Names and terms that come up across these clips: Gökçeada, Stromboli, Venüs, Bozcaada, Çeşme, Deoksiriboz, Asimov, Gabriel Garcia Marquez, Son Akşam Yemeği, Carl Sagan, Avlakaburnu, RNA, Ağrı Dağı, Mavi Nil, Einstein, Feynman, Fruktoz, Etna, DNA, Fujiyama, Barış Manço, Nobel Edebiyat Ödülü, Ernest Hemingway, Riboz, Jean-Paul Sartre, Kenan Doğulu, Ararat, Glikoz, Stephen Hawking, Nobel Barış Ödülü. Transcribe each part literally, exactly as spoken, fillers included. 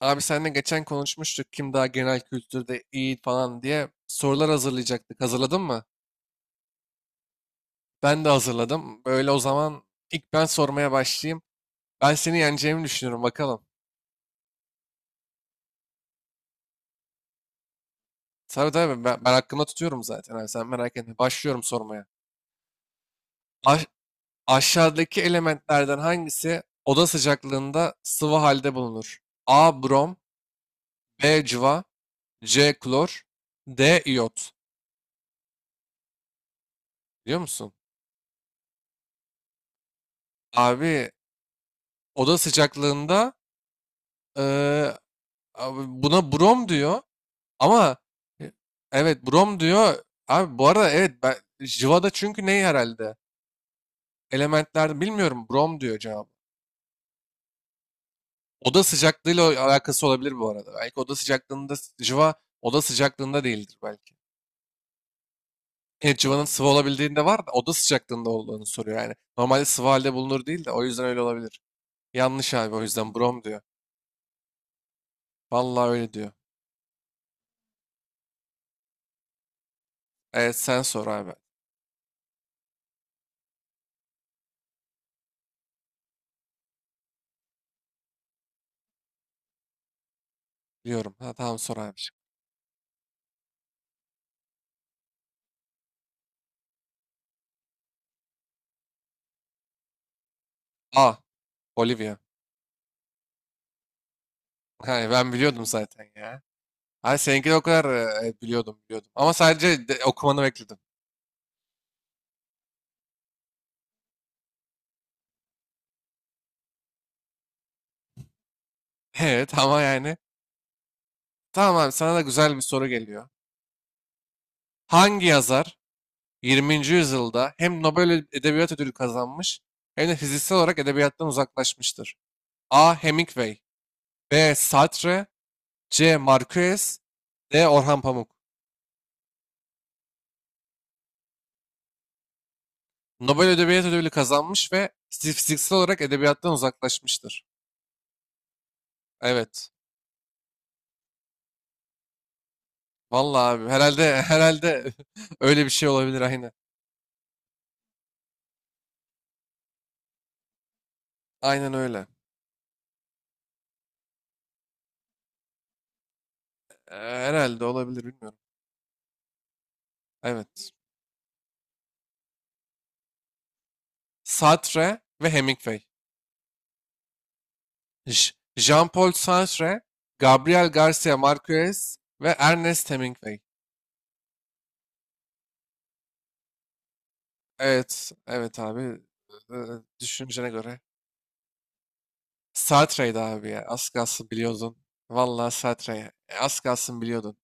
Abi seninle geçen konuşmuştuk kim daha genel kültürde iyi falan diye sorular hazırlayacaktık. Hazırladın mı? Ben de hazırladım. Böyle o zaman ilk ben sormaya başlayayım. Ben seni yeneceğimi düşünüyorum bakalım. Tabii tabii ben, ben hakkımda tutuyorum zaten abi sen merak etme. Başlıyorum sormaya. Aş- Aşağıdaki elementlerden hangisi oda sıcaklığında sıvı halde bulunur? A. Brom B. Cıva C. Klor D. iyot Biliyor musun? Abi oda sıcaklığında... Abi buna Brom diyor ama e, evet Brom diyor. Abi bu arada evet ben Jiva'da çünkü ney herhalde? Elementlerde bilmiyorum Brom diyor cevabı. Oda sıcaklığıyla alakası olabilir bu arada. Belki oda sıcaklığında s- Jiva oda sıcaklığında değildir belki. Evet civanın sıvı olabildiğinde var da oda sıcaklığında olduğunu soruyor yani. Normalde sıvı halde bulunur değil de o yüzden öyle olabilir. Yanlış abi o yüzden Brom diyor. Vallahi öyle diyor. Evet sen sor abi. Diyorum. Ha, tamam sor abi. A. Bolivya. Hayır, ben biliyordum zaten ya. Hayır seninkini o kadar e, biliyordum biliyordum. Ama sadece de- okumanı bekledim. Evet ama yani. Tamam abi sana da güzel bir soru geliyor. Hangi yazar yirminci yüzyılda hem Nobel Edebiyat Ödülü kazanmış hem de fiziksel olarak edebiyattan uzaklaşmıştır? A. Hemingway B. Sartre C. Marquez D. Orhan Pamuk Nobel Edebiyat Ödülü kazanmış ve fiz- fiziksel olarak edebiyattan uzaklaşmıştır. Evet. Vallahi abi herhalde herhalde öyle bir şey olabilir aynen. Aynen öyle. Ee, herhalde olabilir bilmiyorum. Evet. Sartre ve Hemingway. J- Jean-Paul Sartre, Gabriel Garcia Marquez ve Ernest Hemingway. Evet, evet abi. Ee, Düşüncene göre. Sartre'ydi abi ya. Az kalsın biliyordun. Vallahi Sartre. E, Az kalsın biliyordun.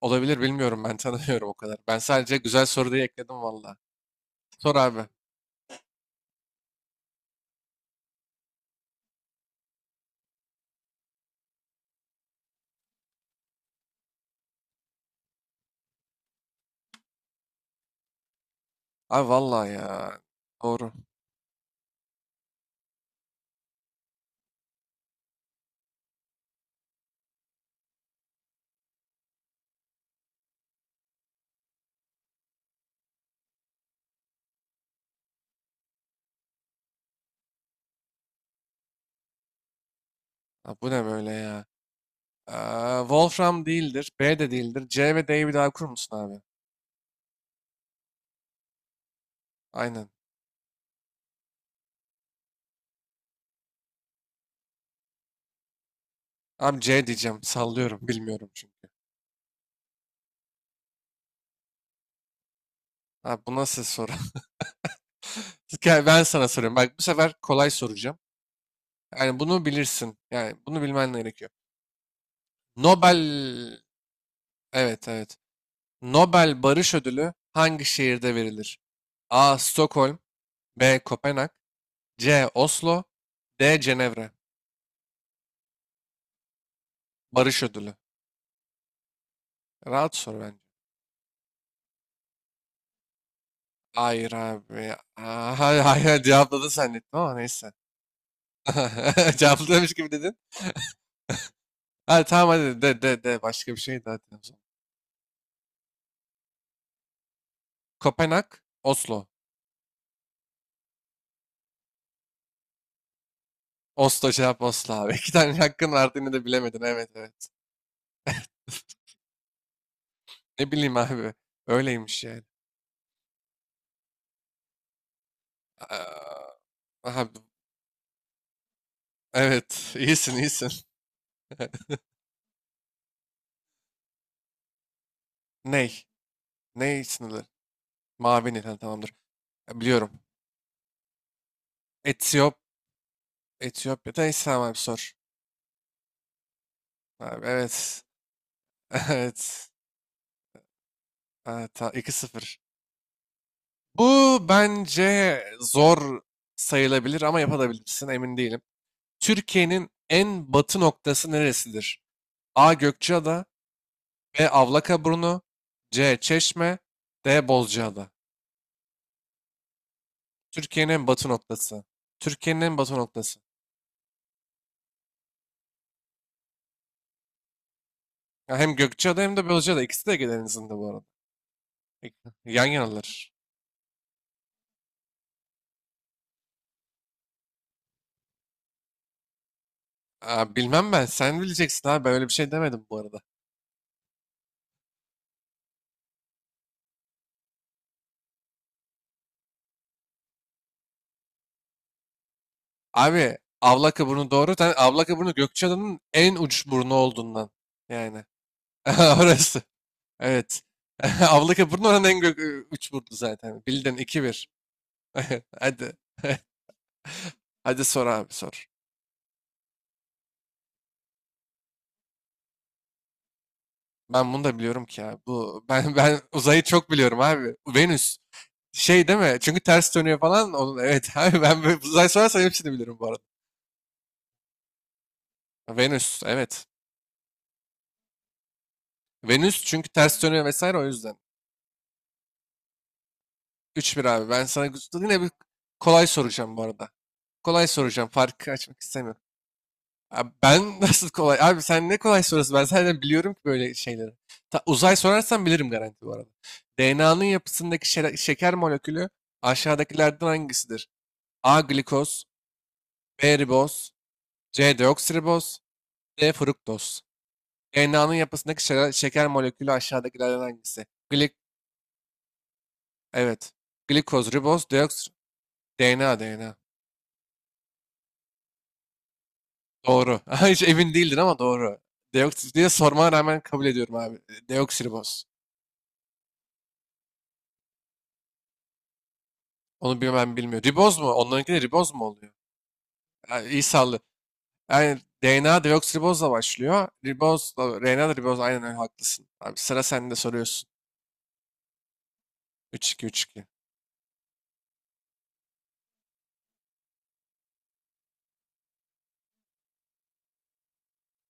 Olabilir bilmiyorum ben tanımıyorum o kadar. Ben sadece güzel soru diye ekledim vallahi. Sor abi. Abi vallahi ya. Doğru. Ha, bu ne böyle ya? Aa, Wolfram değildir. B de değildir. C ve D'yi bir daha okur musun abi? Aynen. Abi C diyeceğim. Sallıyorum. Bilmiyorum çünkü. Abi bu nasıl soru? Gel ben sana soruyorum. Bak bu sefer kolay soracağım. Yani bunu bilirsin. Yani bunu bilmen gerekiyor. Nobel... Evet evet. Nobel Barış Ödülü hangi şehirde verilir? A. Stockholm B. Kopenhag C. Oslo D. Cenevre. Barış Ödülü. Rahat soru bence. Hayır abi. Aa, hayır hayır cevapladın zannettim ama neyse. Cevaplamış gibi dedin. Hadi tamam hadi de de de başka bir şey daha de o zaman. Kopenhag, Oslo. Oslo cevap Oslo abi. İki tane hakkın vardı yine de bilemedin. Evet evet. Ne bileyim abi. Öyleymiş yani. Aa, aha, evet iyisin iyisin. Ney? Ney sınırı? Mavi Nil. Ha, tamamdır. Ya, biliyorum. Etiyop, Etiyopya'da İslam abi sor. Abi, evet. Evet. Ha, ta, iki sıfır. Bu bence zor sayılabilir ama yapabilirsin emin değilim. Türkiye'nin en batı noktası neresidir? A. Gökçeada B. Avlakaburnu C. Çeşme D. Bozcaada. Türkiye'nin en batı noktası. Türkiye'nin en batı noktası. Ya hem Gökçeada hem de Bozcaada. İkisi de Ege izinde bu arada. İk- Yan yanalar. Aa, bilmem ben. Sen bileceksin abi. Ben öyle bir şey demedim bu arada. Abi Avlakaburnu doğru. Sen Avlakaburnu Gökçeada'nın en uç burnu olduğundan. Yani. Orası. Evet. Abla Burnu oranın en gök üç burnu zaten. Bildin iki bir. Hadi. Hadi sor abi sor. Ben bunu da biliyorum ki ya. Bu ben ben uzayı çok biliyorum abi. Venüs. Şey değil mi? Çünkü ters dönüyor falan. Onun evet abi ben böyle uzay sorarsan hepsini bilirim bu arada. Venüs evet. Venüs çünkü ters dönüyor vesaire o yüzden. Üç bir abi. Ben sana yine bir kolay soracağım bu arada. Kolay soracağım. Farkı açmak istemiyorum. Abi ben nasıl kolay? Abi sen ne kolay soruyorsun? Ben zaten biliyorum ki böyle şeyleri. Ta- uzay sorarsan bilirim garanti bu arada. D N A'nın yapısındaki şere- şeker molekülü aşağıdakilerden hangisidir? A. Glikoz B. Riboz C. Deoksiriboz D. Fruktoz D N A'nın yapısındaki şere- şeker molekülü aşağıdakilerden hangisi? Glik evet. Glikoz, riboz, deoksir... D N A, D N A. Doğru. Hiç emin değildin ama doğru. Deoksir diye sormana rağmen kabul ediyorum abi. Deoksiriboz. Onu bilmem bilmiyor. Riboz mu? Onlarınki de riboz mu oluyor? Yani iyi sallı. Yani D N A deoksiribozla başlıyor. Ribozla, R N A da riboz. Aynen öyle haklısın. Abi sıra sende soruyorsun. Üç iki üç iki.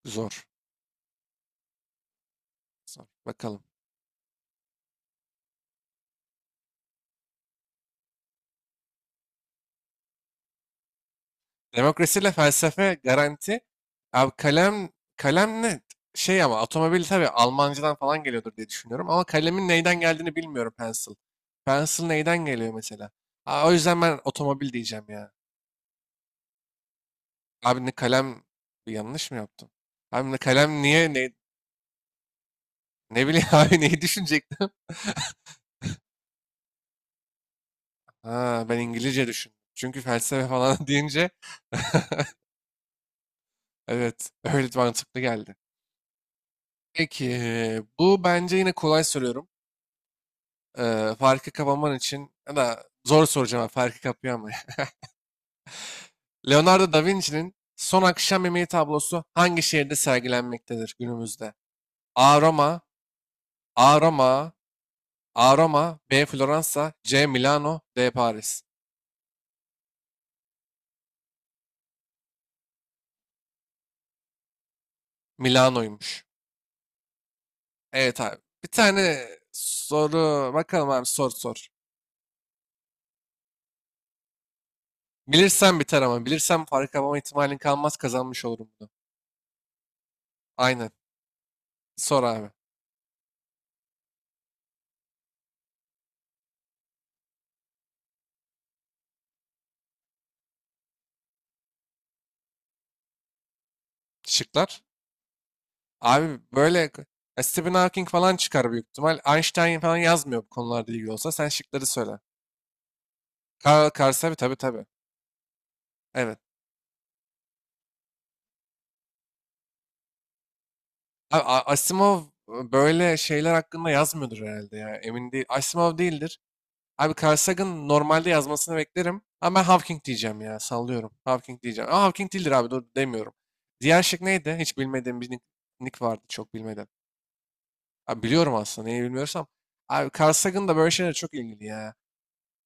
Zor. Zor. Bakalım. Demokrasiyle felsefe garanti. Abi kalem, kalem ne? Şey ama otomobil tabii Almancadan falan geliyordur diye düşünüyorum. Ama kalemin neyden geldiğini bilmiyorum pencil. Pencil neyden geliyor mesela? Aa, o yüzden ben otomobil diyeceğim ya. Abi ne kalem yanlış mı yaptım? Abi ne kalem niye ne ne bileyim abi neyi düşünecektim? Ha ben İngilizce düşündüm. Çünkü felsefe falan deyince evet öyle mantıklı geldi. Peki bu bence yine kolay soruyorum. Ee, farkı kapaman için ya da zor soracağım abi, farkı kapıyor ama. Leonardo da Vinci'nin Son Akşam Yemeği tablosu hangi şehirde sergilenmektedir günümüzde? A. Roma, A. Roma, A. Roma, B. Floransa, C. Milano, D. Paris. Milano'ymuş. Evet abi. Bir tane soru bakalım abi sor sor. Bilirsem biter ama bilirsem fark yapma ihtimalin kalmaz kazanmış olurum bunu. Aynen. Sor abi. Şıklar. Abi böyle ya Stephen Hawking falan çıkar büyük ihtimal. Einstein falan yazmıyor bu konularda ilgili olsa. Sen şıkları söyle. Carl Carl tabii tabii. Evet. Abi, A- Asimov e, böyle şeyler hakkında yazmıyordur herhalde ya. Emin değil. Asimov değildir. Abi Carl Sagan'ın normalde yazmasını beklerim. Ama ben Hawking diyeceğim ya. Sallıyorum. Hawking diyeceğim. Ama Hawking değildir abi. Dur demiyorum. Diğer şık neydi? Hiç bilmediğim bir nick nick vardı. Çok bilmeden. Abi biliyorum aslında. Neyi bilmiyorsam. Abi Carl Sagan da böyle şeylere çok ilgili ya.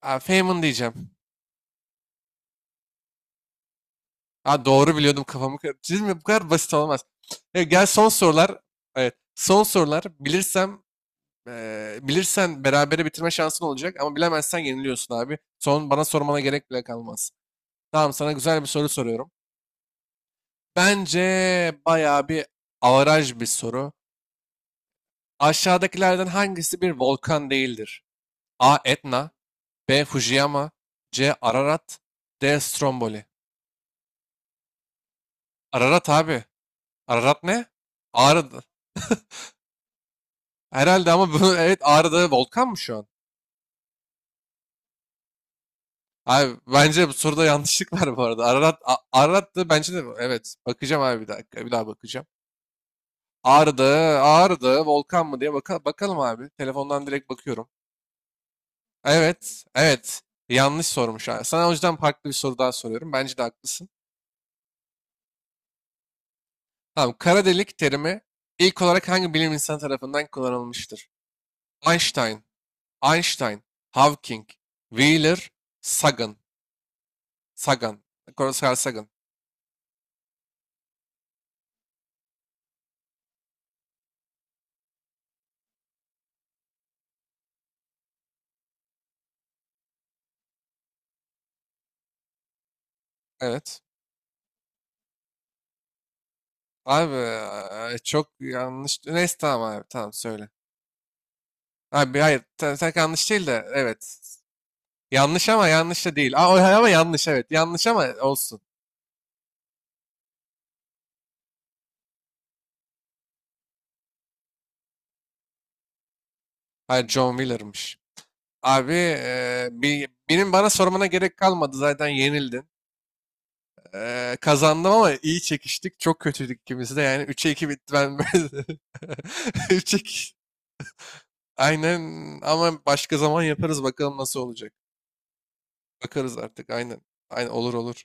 Abi Feynman diyeceğim. Ha doğru biliyordum kafamı. kır- Siz mi? Bu kadar basit olamaz. E, gel son sorular. Evet. Son sorular. Bilirsem e, bilirsen berabere bitirme şansın olacak ama bilemezsen yeniliyorsun abi. Son bana sormana gerek bile kalmaz. Tamam sana güzel bir soru soruyorum. Bence bayağı bir avaraj bir soru. Aşağıdakilerden hangisi bir volkan değildir? A. Etna B. Fujiyama C. Ararat D. Stromboli Ararat abi. Ararat ne? Ağrı. Herhalde ama bu evet Ağrı'da volkan mı şu an? Abi bence bu soruda yanlışlık var bu arada. Ararat, A- Ararat da bence de evet. Bakacağım abi bir dakika. Bir daha bakacağım. Ağrı Dağı, Ağrı Dağı volkan mı diye baka- bakalım abi. Telefondan direkt bakıyorum. Evet, evet. Yanlış sormuş. Ha. Sana o yüzden farklı bir soru daha soruyorum. Bence de haklısın. Tamam, kara delik terimi ilk olarak hangi bilim insanı tarafından kullanılmıştır? Einstein, Einstein, Hawking, Wheeler, Sagan. Sagan. Carl Sagan. Evet. Abi e, çok yanlış. Neyse tamam abi tamam söyle. Abi hayır ta- tak yanlış değil de evet. Yanlış ama yanlış da değil. Aa, o- ama yanlış evet. Yanlış ama olsun. Hayır John Wheeler'mış. Abi eee, bi- benim bana sormana gerek kalmadı zaten yenildin. Eee, kazandım ama iyi çekiştik. Çok kötüydük ikimiz de yani üçe iki bitti ben. üçe iki. Aynen ama başka zaman yaparız bakalım nasıl olacak. Bakarız artık aynen. Aynen olur olur.